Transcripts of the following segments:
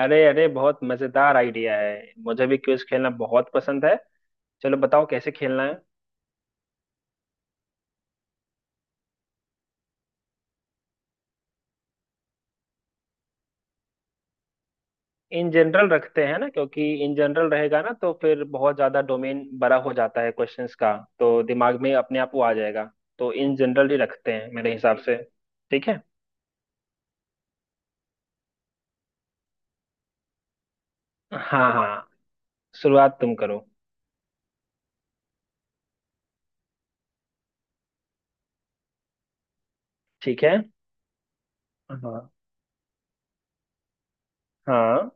अरे अरे, बहुत मजेदार आइडिया है। मुझे भी क्विज खेलना बहुत पसंद है। चलो बताओ कैसे खेलना है। इन जनरल रखते हैं ना, क्योंकि इन जनरल रहेगा ना तो फिर बहुत ज्यादा डोमेन बड़ा हो जाता है क्वेश्चंस का। तो दिमाग में अपने आप वो आ जाएगा। तो इन जनरल ही रखते हैं मेरे हिसाब से। ठीक है। हाँ हाँ, शुरुआत तुम करो। ठीक है। हाँ। हाँ।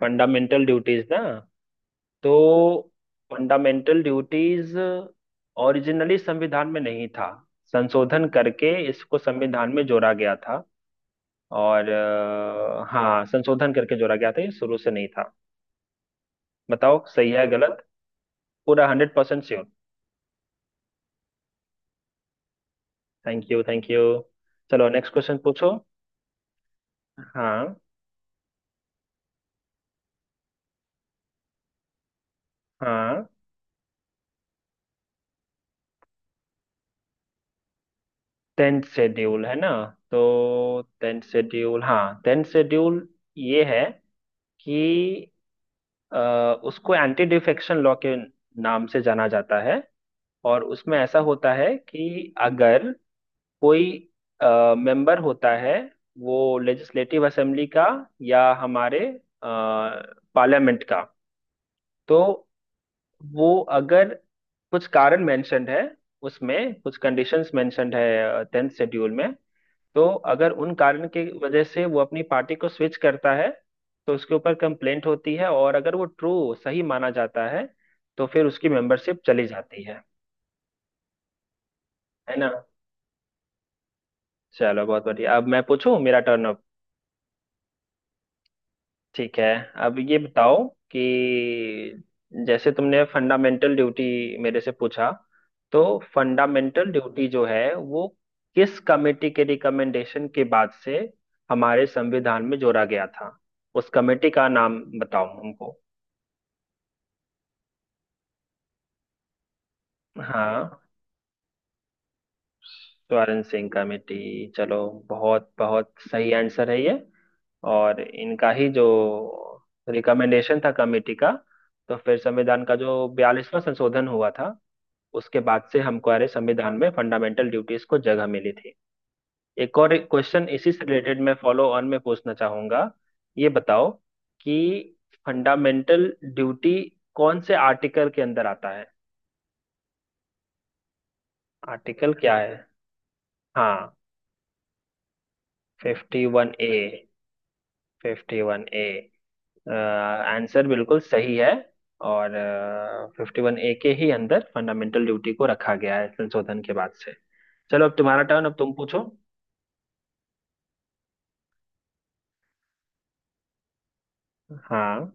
फंडामेंटल ड्यूटीज ना, तो फंडामेंटल ड्यूटीज ओरिजिनली संविधान में नहीं था। संशोधन करके इसको संविधान में जोड़ा गया था। और हाँ, संशोधन करके जोड़ा गया था, ये शुरू से नहीं था। बताओ सही है गलत। पूरा 100% sure. Thank you, thank you. चलो नेक्स्ट क्वेश्चन पूछो। हाँ। हाँ। टेंथ शेड्यूल है ना, तो टेंथ शेड्यूल, हाँ टेंथ शेड्यूल ये है कि अ, उसको एंटी डिफेक्शन लॉ के नाम से जाना जाता है। और उसमें ऐसा होता है कि अगर कोई मेंबर होता है वो लेजिस्लेटिव असेंबली का या हमारे पार्लियामेंट का, तो वो अगर, कुछ कारण मेंशन्ड है उसमें, कुछ कंडीशंस मेंशन्ड है टेंथ शेड्यूल में, तो अगर उन कारण के वजह से वो अपनी पार्टी को स्विच करता है, तो उसके ऊपर कंप्लेंट होती है और अगर वो ट्रू सही माना जाता है तो फिर उसकी मेंबरशिप चली जाती है। है ना। चलो बहुत बढ़िया, अब मैं पूछूं, मेरा टर्न अब। ठीक है। अब ये बताओ कि जैसे तुमने फंडामेंटल ड्यूटी मेरे से पूछा, तो फंडामेंटल ड्यूटी जो है वो किस कमेटी के रिकमेंडेशन के बाद से हमारे संविधान में जोड़ा गया था, उस कमेटी का नाम बताओ हमको। हाँ, स्वर्ण सिंह कमेटी, चलो, बहुत बहुत सही आंसर है ये। और इनका ही जो रिकमेंडेशन था कमेटी का, तो फिर संविधान का जो 42वां संशोधन हुआ था उसके बाद से हमको, अरे संविधान में फंडामेंटल ड्यूटीज को जगह मिली थी। एक और क्वेश्चन इसी से रिलेटेड मैं फॉलो ऑन में पूछना चाहूंगा। ये बताओ कि फंडामेंटल ड्यूटी कौन से आर्टिकल के अंदर आता है, आर्टिकल क्या है। हाँ, 51A। 51A आंसर बिल्कुल सही है। और 51A के ही अंदर फंडामेंटल ड्यूटी को रखा गया है संशोधन के बाद से। चलो अब तुम्हारा टर्न, अब तुम पूछो। हाँ।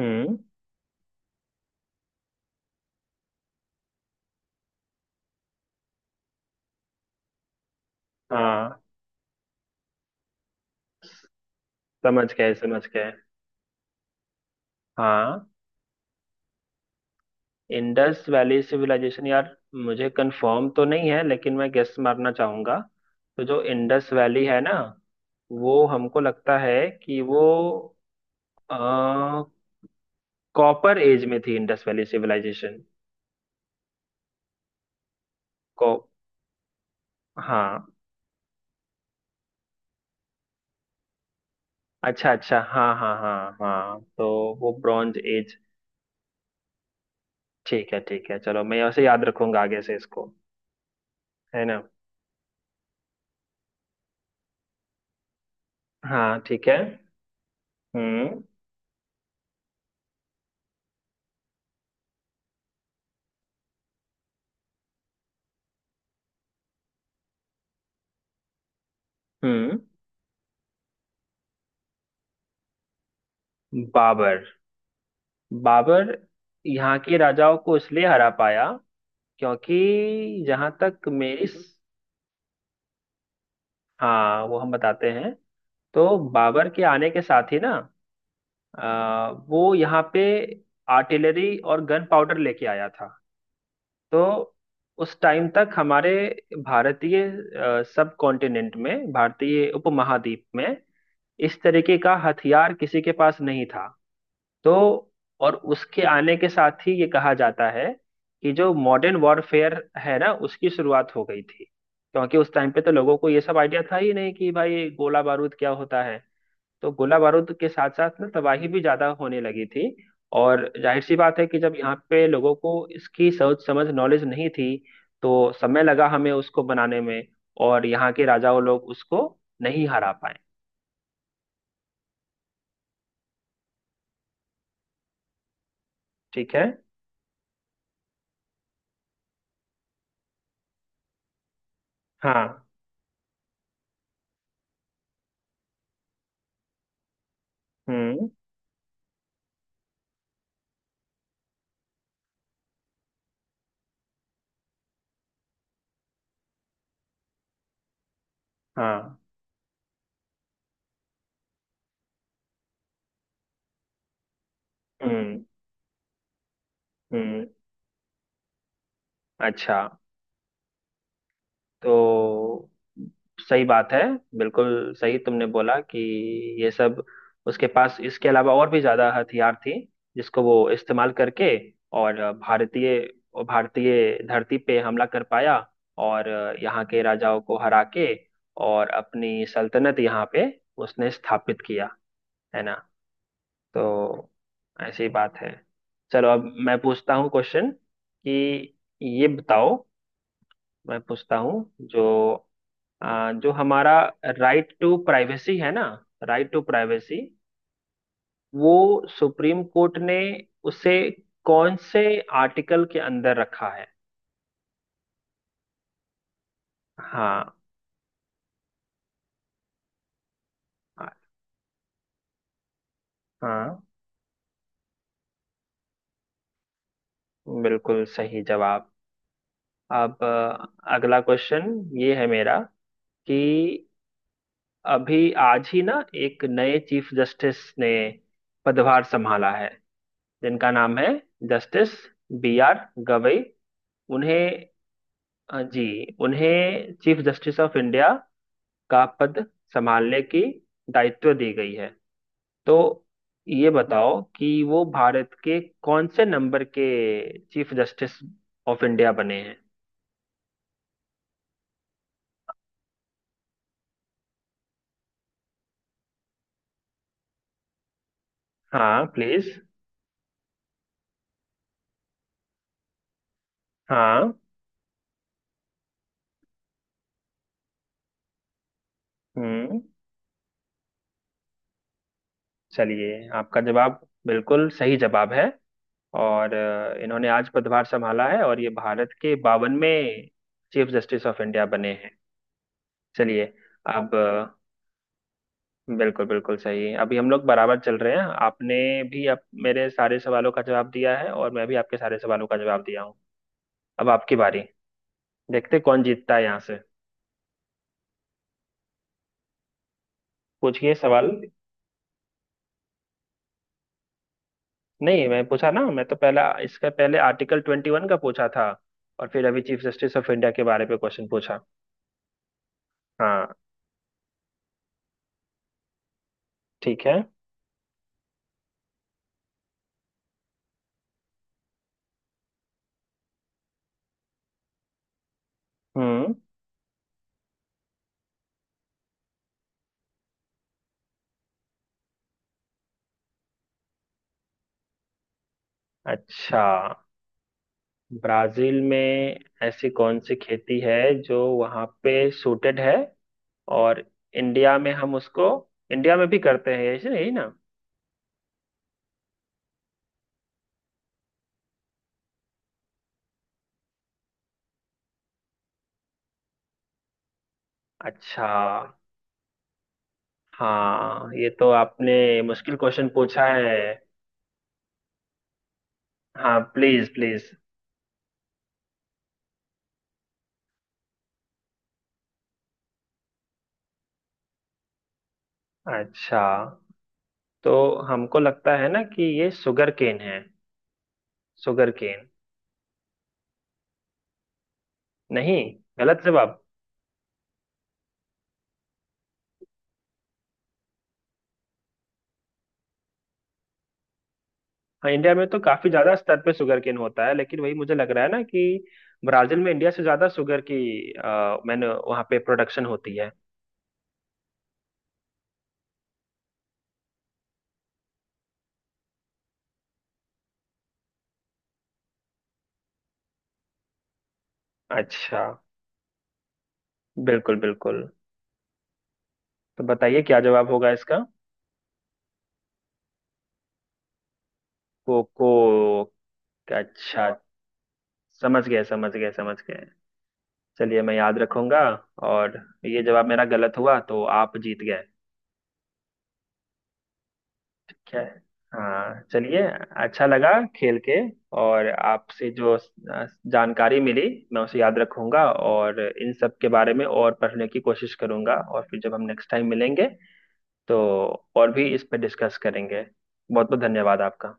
हम्म। हाँ, समझ गए समझ गए। हाँ, इंडस वैली सिविलाइजेशन, यार मुझे कंफर्म तो नहीं है, लेकिन मैं गेस मारना चाहूंगा। तो जो इंडस वैली है ना, वो हमको लगता है कि वो कॉपर एज में थी, इंडस वैली सिविलाइजेशन। हाँ, अच्छा अच्छा, हाँ हाँ हाँ हाँ, तो वो ब्रॉन्ज एज। ठीक है ठीक है, चलो मैं उसे याद रखूंगा आगे से इसको। है ना। हाँ ठीक है। हम्म। हम्म। बाबर, बाबर यहाँ के राजाओं को इसलिए हरा पाया, क्योंकि जहाँ तक मेरी, हाँ वो हम बताते हैं। तो बाबर के आने के साथ ही ना, वो यहाँ पे आर्टिलरी और गन पाउडर लेके आया था। तो उस टाइम तक हमारे भारतीय सब कॉन्टिनेंट में, भारतीय उपमहाद्वीप में, इस तरीके का हथियार किसी के पास नहीं था। तो, और उसके आने के साथ ही ये कहा जाता है कि जो मॉडर्न वॉरफेयर है ना, उसकी शुरुआत हो गई थी, क्योंकि उस टाइम पे तो लोगों को ये सब आइडिया था ही नहीं कि भाई गोला बारूद क्या होता है। तो गोला बारूद के साथ साथ ना, तबाही भी ज्यादा होने लगी थी। और जाहिर सी बात है कि जब यहाँ पे लोगों को इसकी सोच समझ नॉलेज नहीं थी, तो समय लगा हमें उसको बनाने में। और यहाँ के राजाओं लोग उसको नहीं हरा पाए। ठीक है। हाँ। हम्म। हाँ। हम्म। हम्म। अच्छा, तो सही बात है। बिल्कुल सही तुमने बोला कि ये सब उसके पास इसके अलावा और भी ज्यादा हथियार थी, जिसको वो इस्तेमाल करके, और भारतीय, और भारतीय धरती पे हमला कर पाया और यहाँ के राजाओं को हरा के, और अपनी सल्तनत यहाँ पे उसने स्थापित किया। है ना। तो ऐसी बात है। चलो अब मैं पूछता हूँ क्वेश्चन कि, ये बताओ, मैं पूछता हूँ जो हमारा राइट टू प्राइवेसी है ना, राइट टू प्राइवेसी, वो सुप्रीम कोर्ट ने उसे कौन से आर्टिकल के अंदर रखा है। हाँ। हाँ, बिल्कुल सही जवाब। अब अगला क्वेश्चन ये है मेरा, कि अभी आज ही ना, एक नए चीफ जस्टिस ने पदभार संभाला है जिनका नाम है जस्टिस बी आर गवई। उन्हें जी, उन्हें चीफ जस्टिस ऑफ इंडिया का पद संभालने की दायित्व दी गई है। तो ये बताओ कि वो भारत के कौन से नंबर के चीफ जस्टिस ऑफ इंडिया बने हैं। हाँ प्लीज। हाँ। हम्म। चलिए, आपका जवाब बिल्कुल सही जवाब है। और इन्होंने आज पदभार संभाला है और ये भारत के 52वें चीफ जस्टिस ऑफ इंडिया बने हैं। चलिए अब, बिल्कुल बिल्कुल सही है। अभी हम लोग बराबर चल रहे हैं। आपने भी, आप मेरे सारे सवालों का जवाब दिया है और मैं भी आपके सारे सवालों का जवाब दिया हूँ। अब आपकी बारी, देखते हैं कौन जीतता है यहाँ से। पूछिए सवाल। नहीं, मैं पूछा ना, मैं तो पहला इसका, पहले आर्टिकल 21 का पूछा था, और फिर अभी चीफ जस्टिस ऑफ इंडिया के बारे में क्वेश्चन पूछा। हाँ। ठीक है। हम्म। अच्छा, ब्राजील में ऐसी कौन सी खेती है जो वहाँ पे सूटेड है, और इंडिया में हम उसको, इंडिया में भी करते हैं ऐसे, यही ना। अच्छा। हाँ ये तो आपने मुश्किल क्वेश्चन पूछा है। हाँ प्लीज प्लीज। अच्छा, तो हमको लगता है ना कि ये शुगर केन है, शुगर केन। नहीं, गलत जवाब। हाँ, इंडिया में तो काफी ज्यादा स्तर पे शुगर केन होता है, लेकिन वही मुझे लग रहा है ना कि ब्राजील में इंडिया से ज्यादा शुगर की, मैंने वहाँ पे प्रोडक्शन होती है। अच्छा, बिल्कुल बिल्कुल। तो बताइए क्या जवाब होगा इसका। कोको। अच्छा, समझ गए समझ गए समझ गए। चलिए मैं याद रखूंगा। और ये जवाब मेरा गलत हुआ, तो आप जीत गए। ठीक है। हाँ चलिए। अच्छा लगा खेल के। और आपसे जो जानकारी मिली, मैं उसे याद रखूंगा और इन सब के बारे में और पढ़ने की कोशिश करूंगा, और फिर जब हम नेक्स्ट टाइम मिलेंगे, तो और भी इस पर डिस्कस करेंगे। बहुत बहुत धन्यवाद आपका।